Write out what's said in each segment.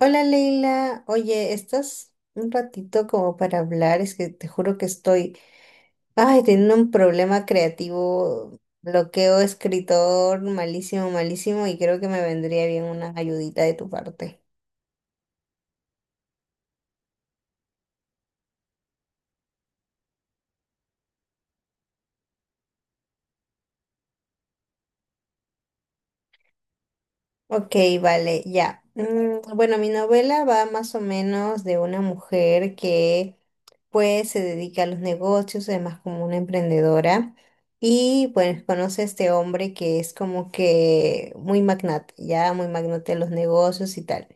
Hola Leila, oye, ¿estás un ratito como para hablar? Es que te juro que estoy, ay, teniendo un problema creativo, bloqueo escritor malísimo, malísimo y creo que me vendría bien una ayudita de tu parte. Ok, vale, ya. Bueno, mi novela va más o menos de una mujer que pues se dedica a los negocios, además como una emprendedora. Y pues conoce a este hombre que es como que muy magnate, ya muy magnate de los negocios y tal.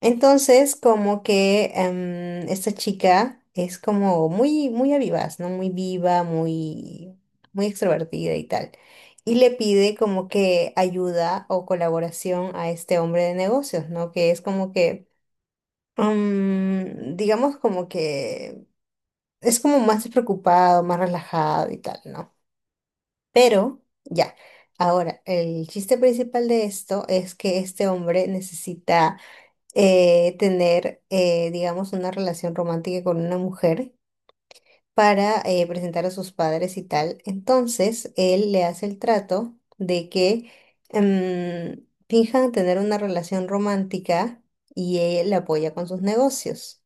Entonces, como que esta chica es como muy, muy avivaz, ¿no? Muy viva, muy, muy extrovertida y tal y le pide como que ayuda o colaboración a este hombre de negocios, ¿no? Que es como que, digamos como que es como más despreocupado, más relajado y tal, ¿no? Pero ya, ahora, el chiste principal de esto es que este hombre necesita tener, digamos, una relación romántica con una mujer para presentar a sus padres y tal. Entonces, él le hace el trato de que finjan tener una relación romántica y él la apoya con sus negocios.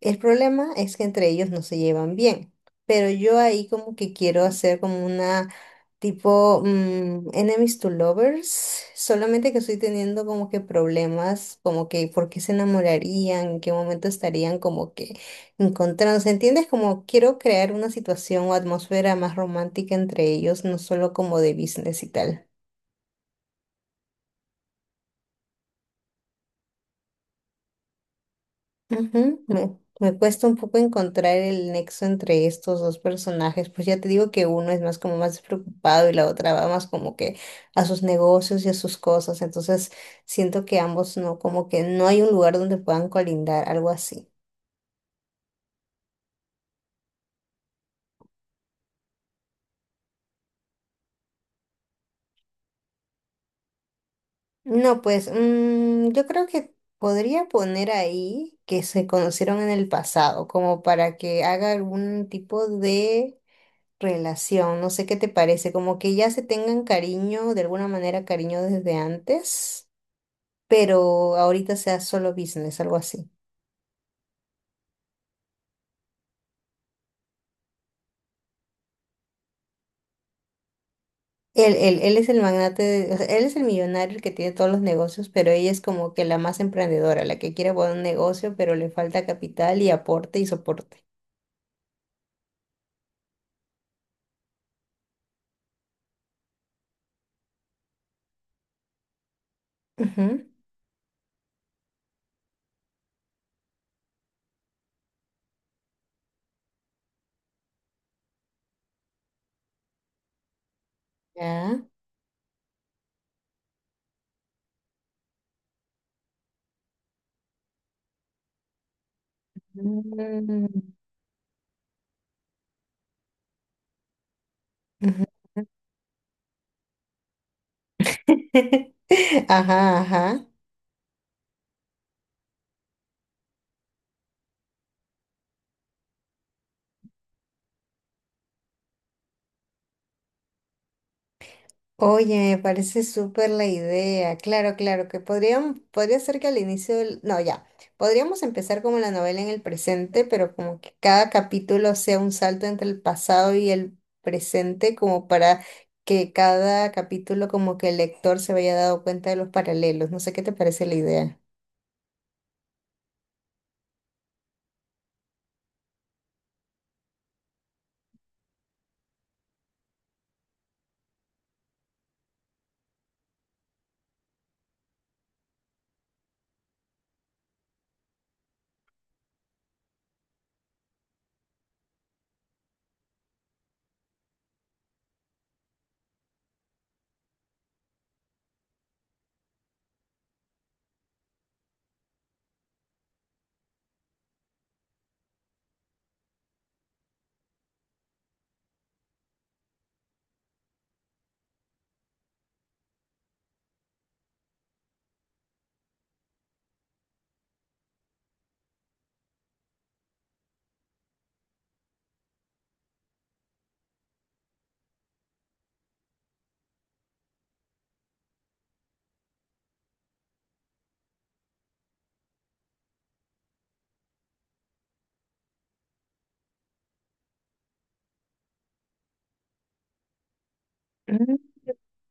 El problema es que entre ellos no se llevan bien, pero yo ahí como que quiero hacer como una tipo enemies to lovers, solamente que estoy teniendo como que problemas, como que por qué se enamorarían, en qué momento estarían como que encontrándose, ¿entiendes? Como quiero crear una situación o atmósfera más romántica entre ellos, no solo como de business y tal. Ujú. Me cuesta un poco encontrar el nexo entre estos dos personajes, pues ya te digo que uno es más como más despreocupado y la otra va más como que a sus negocios y a sus cosas, entonces siento que ambos no, como que no hay un lugar donde puedan colindar, algo así. No, pues yo creo que podría poner ahí que se conocieron en el pasado, como para que haga algún tipo de relación. No sé qué te parece, como que ya se tengan cariño, de alguna manera cariño desde antes, pero ahorita sea solo business, algo así. Él es el magnate, de- o sea, él es el millonario el que tiene todos los negocios, pero ella es como que la más emprendedora, la que quiere poner un negocio, pero le falta capital y aporte y soporte. Ujú. Ya. Mm. Ujú. Ajá, ajá. Oye, me parece súper la idea. Claro, claro, que podríamos, podría ser que al inicio del... No, ya. Podríamos empezar como la novela en el presente, pero como que cada capítulo sea un salto entre el pasado y el presente, como para que cada capítulo como que el lector se vaya dando cuenta de los paralelos. No sé qué te parece la idea.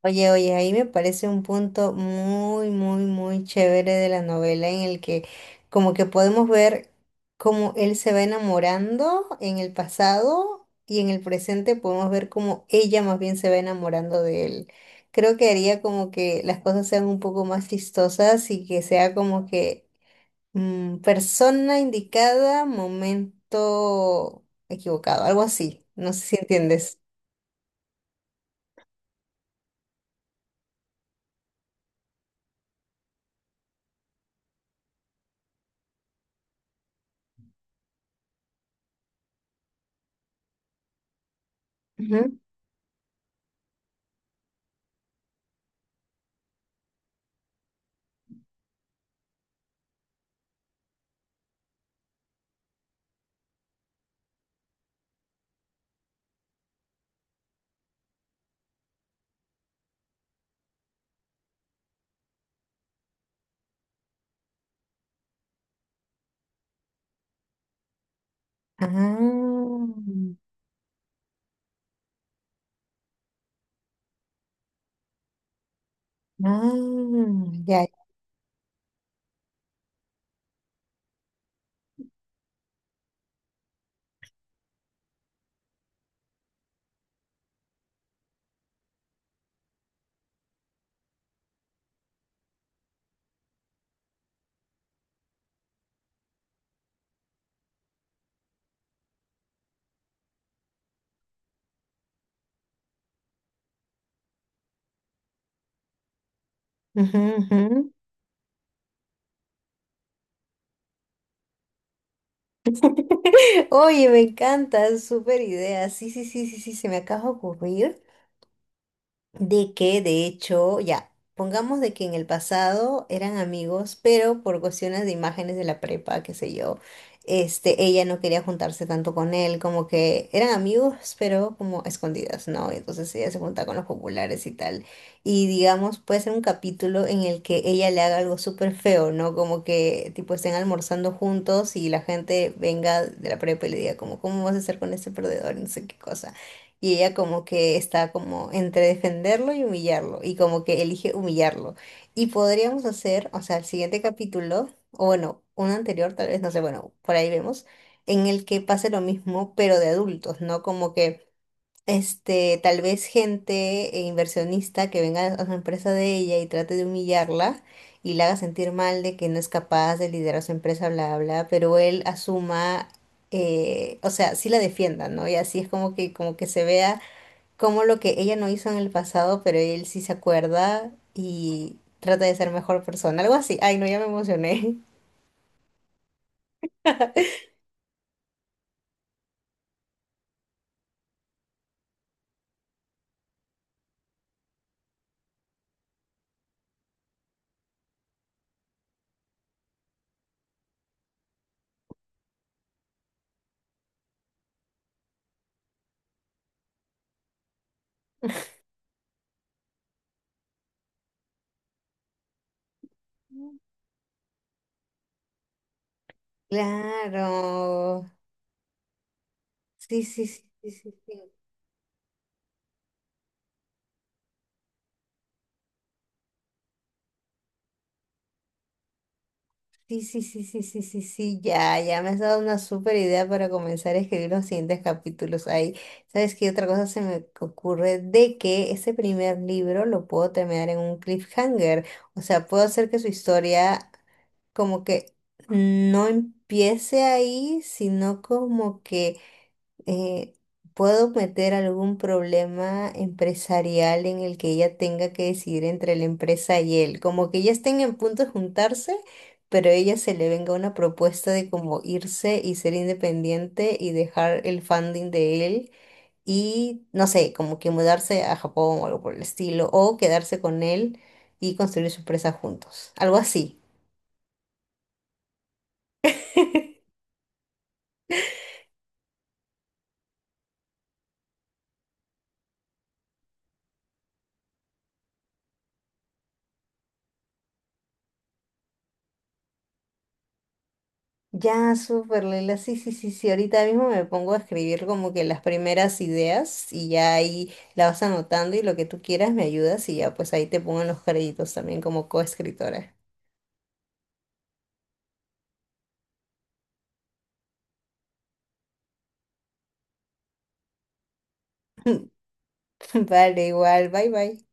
Oye, oye, ahí me parece un punto muy, muy, muy chévere de la novela en el que como que podemos ver cómo él se va enamorando en el pasado y en el presente podemos ver cómo ella más bien se va enamorando de él. Creo que haría como que las cosas sean un poco más chistosas y que sea como que persona indicada, momento equivocado, algo así. No sé si entiendes. Ujú. Ah. Ah, ya. Ujú, ujú. Oye, me encanta, es súper idea. Sí, sí, sí, sí, sí, se me acaba de ocurrir. De que de hecho, ya, pongamos de que en el pasado eran amigos, pero por cuestiones de imágenes de la prepa, qué sé yo, este, ella no quería juntarse tanto con él, como que eran amigos, pero como a escondidas, ¿no? Entonces ella se junta con los populares y tal. Y digamos, puede ser un capítulo en el que ella le haga algo súper feo, ¿no? Como que tipo estén almorzando juntos y la gente venga de la prepa y le diga como, ¿cómo vas a estar con ese perdedor? Y no sé qué cosa. Y ella como que está como entre defenderlo y humillarlo, y como que elige humillarlo. Y podríamos hacer, o sea, el siguiente capítulo, o bueno, un anterior tal vez, no sé, bueno, por ahí vemos, en el que pase lo mismo, pero de adultos, ¿no? Como que, este, tal vez gente inversionista que venga a la empresa de ella y trate de humillarla y la haga sentir mal de que no es capaz de liderar su empresa, bla, bla, pero él asuma... o sea, sí la defienda, ¿no? Y así es como que se vea como lo que ella no hizo en el pasado, pero él sí se acuerda y trata de ser mejor persona, algo así. Ay, no, ya me emocioné. Mm. Claro. Sí, sí, sí, sí, sí, sí. Sí, sí, sí, sí, sí, sí, sí, ya, ya me has dado una súper idea para comenzar a escribir los siguientes capítulos ahí. ¿Sabes qué otra cosa se me ocurre? De que ese primer libro lo puedo terminar en un cliffhanger. O sea, puedo hacer que su historia como que no empiece ahí, sino como que eh, puedo meter algún problema empresarial en el que ella tenga que decidir entre la empresa y él. Como que ya estén en punto de juntarse, pero a ella se le venga una propuesta de como irse y ser independiente y dejar el funding de él. Y no sé, como que mudarse a Japón o algo por el estilo, o quedarse con él y construir su empresa juntos, algo así. Ya, súper, Leila. Sí, sí, sí, sí. Ahorita mismo me pongo a escribir como que las primeras ideas y ya ahí la vas anotando y lo que tú quieras me ayudas y ya pues ahí te pongo en los créditos también como coescritora. Vale, igual. Bye, bye.